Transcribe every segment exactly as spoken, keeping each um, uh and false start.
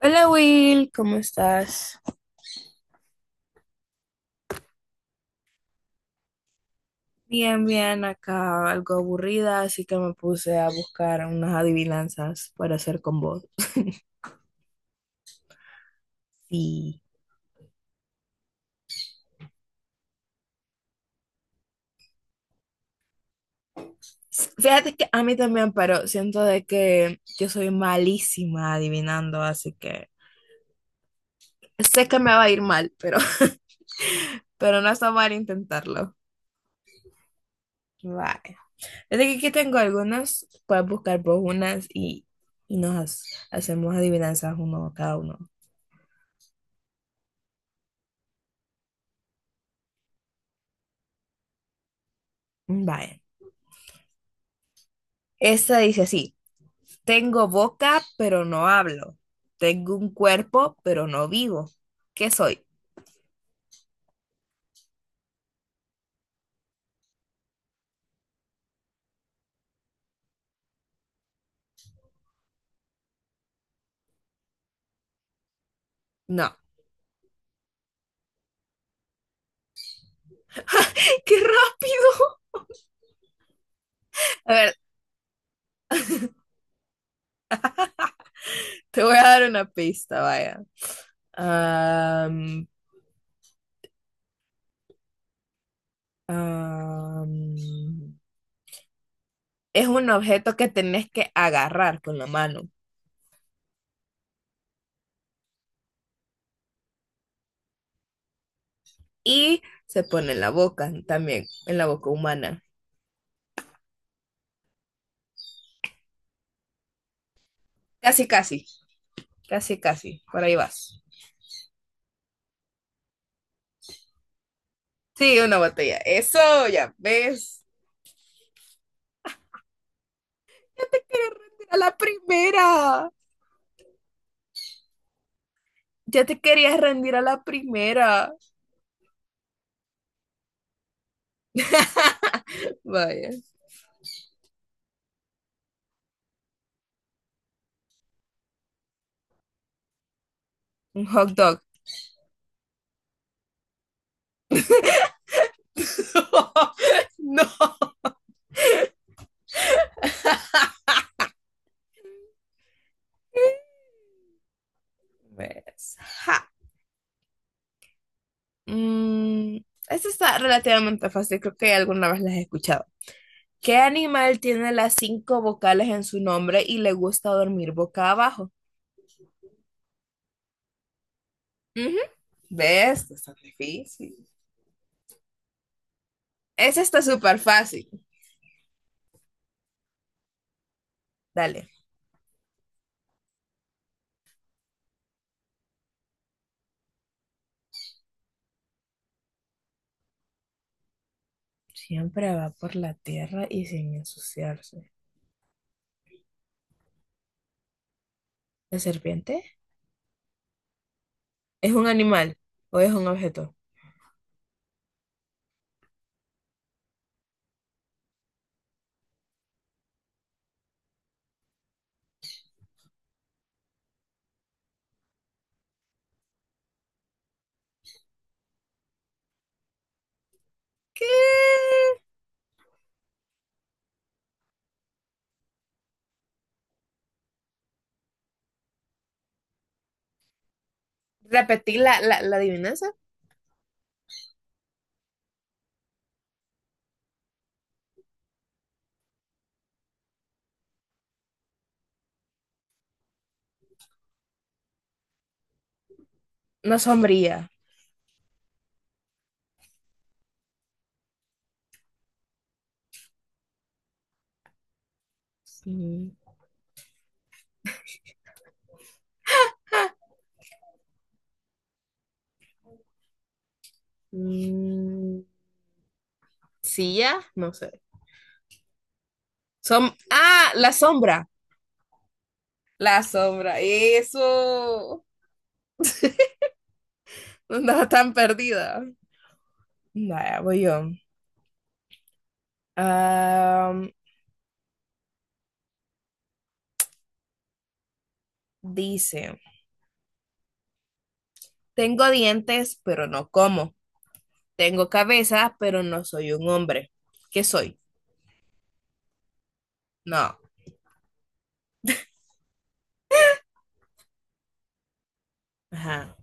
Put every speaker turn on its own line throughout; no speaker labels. Hola Will, ¿cómo estás? Bien, bien, acá algo aburrida, así que me puse a buscar unas adivinanzas para hacer con vos. Sí. Fíjate que a mí también, pero siento de que yo soy malísima adivinando, así que sé que me va a ir mal, pero, pero no está mal intentarlo. Vale. Desde que aquí tengo algunas, puedes buscar vos unas y, y nos hacemos adivinanzas uno cada uno. Vale. Esta dice así. Tengo boca, pero no hablo. Tengo un cuerpo, pero no vivo. ¿Qué soy? No. ¡Ay, qué rápido! A ver, te voy a dar una pista, vaya. Am, am, es un objeto que tenés que agarrar con la mano y se pone en la boca también, en la boca humana. Casi, casi, casi, casi. Por ahí vas. Sí, una botella. Eso, ya ves. Eres a la primera. Ya te querías rendir a la primera. Vaya, un hot dog. No. Pues, ja. Mm, esta está relativamente fácil, creo que alguna vez las he escuchado. ¿Qué animal tiene las cinco vocales en su nombre y le gusta dormir boca abajo? Ujú. ¿Ves? No es tan difícil. Esa está súper fácil. Dale. Siempre va por la tierra y sin ensuciarse. ¿La serpiente? ¿Es un animal o es un objeto? ¿Qué? Repetí la, la, la adivinanza. No sombría. Sí. Mm, silla, no sé. Som- ah, la sombra. La sombra. Eso. No andaba tan perdida. Vaya, voy yo. Am, dice, tengo dientes, pero no como. Tengo cabeza, pero no soy un hombre. ¿Qué soy? No. Ajá.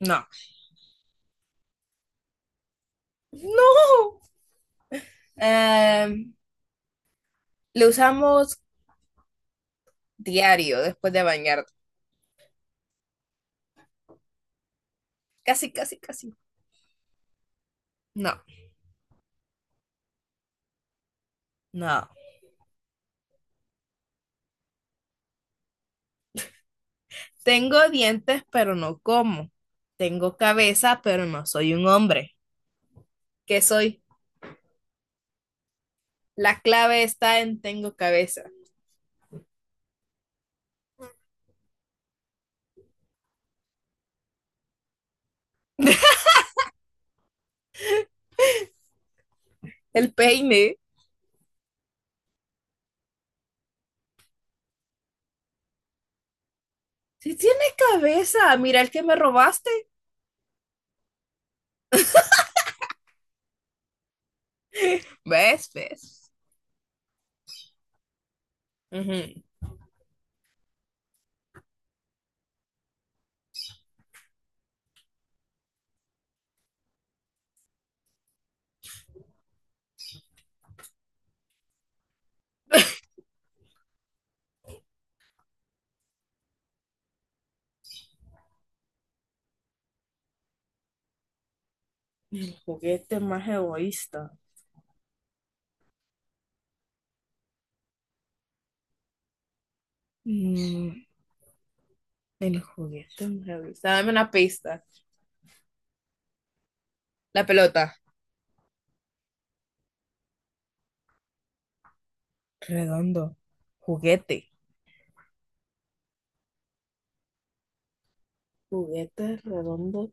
No. No. Am, lo usamos diario después de bañar. Casi, casi, casi. No, no. Tengo dientes, pero no como. Tengo cabeza, pero no soy un hombre. ¿Qué soy? La clave está en tengo cabeza. El peine. Si tiene cabeza, mira el que me robaste. ¿Ves? ¿Ves? Ujú. El juguete más egoísta. Mm, el juguete más egoísta. Dame una pista. La pelota. Redondo. Juguete. Juguete redondo.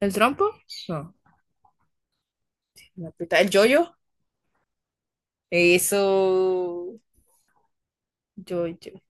¿El trompo? No. La pita- ¿El yoyo? Eso, yo, yo.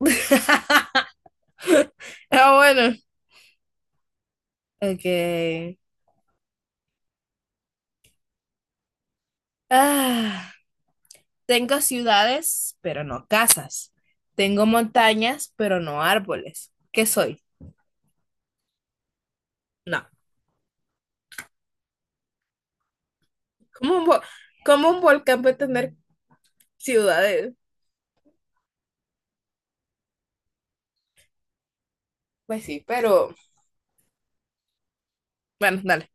Ah, bueno. Ok. Ah, tengo ciudades, pero no casas. Tengo montañas, pero no árboles. ¿Qué soy? No. ¿Cómo un, vo- ¿Cómo un volcán puede tener ciudades? Pues sí, pero bueno, dale.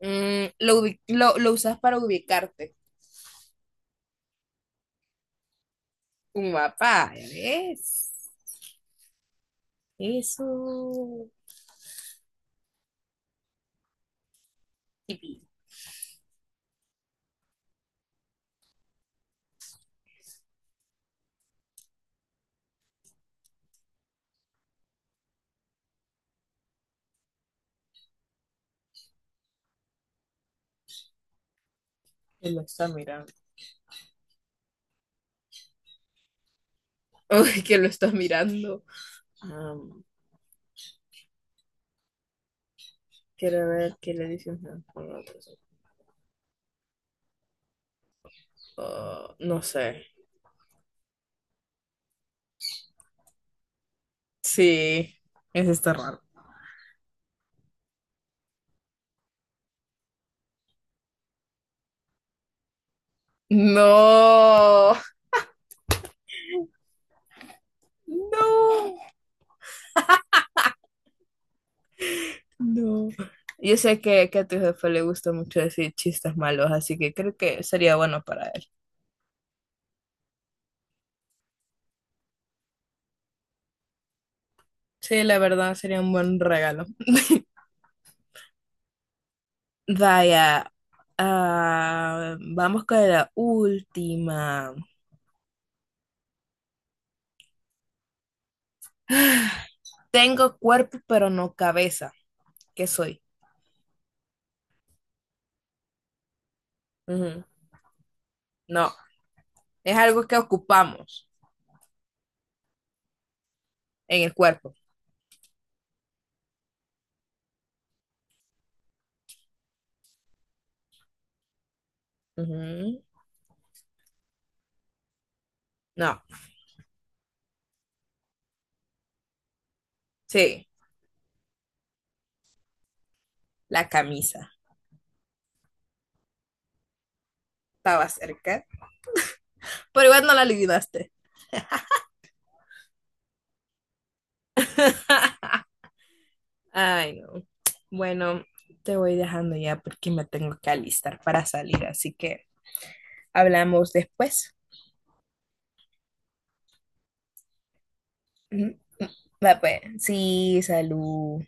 Mm, lo, ubi- lo, lo usas para ubicarte. Un mapa. Ya ves. Eso. Y- y que lo está mirando. Uy, que lo está mirando. Quiero ver qué le dice un... Ah, no sé. Sí, eso está raro. No, no, no. Yo sé que, que a tu jefe le gusta mucho decir chistes malos, así que creo que sería bueno para él. Sí, la verdad, sería un buen regalo. Vaya, ah, vamos con la última. Tengo cuerpo, pero no cabeza. ¿Qué soy? Ujú. No, es algo que ocupamos en el cuerpo. Ujú. No, sí, la camisa. Estaba cerca. Pero igual no la adivinaste. Ay, no. Bueno, te voy dejando ya porque me tengo que alistar para salir, así que hablamos después. Ujú. Va pues, sí, salud.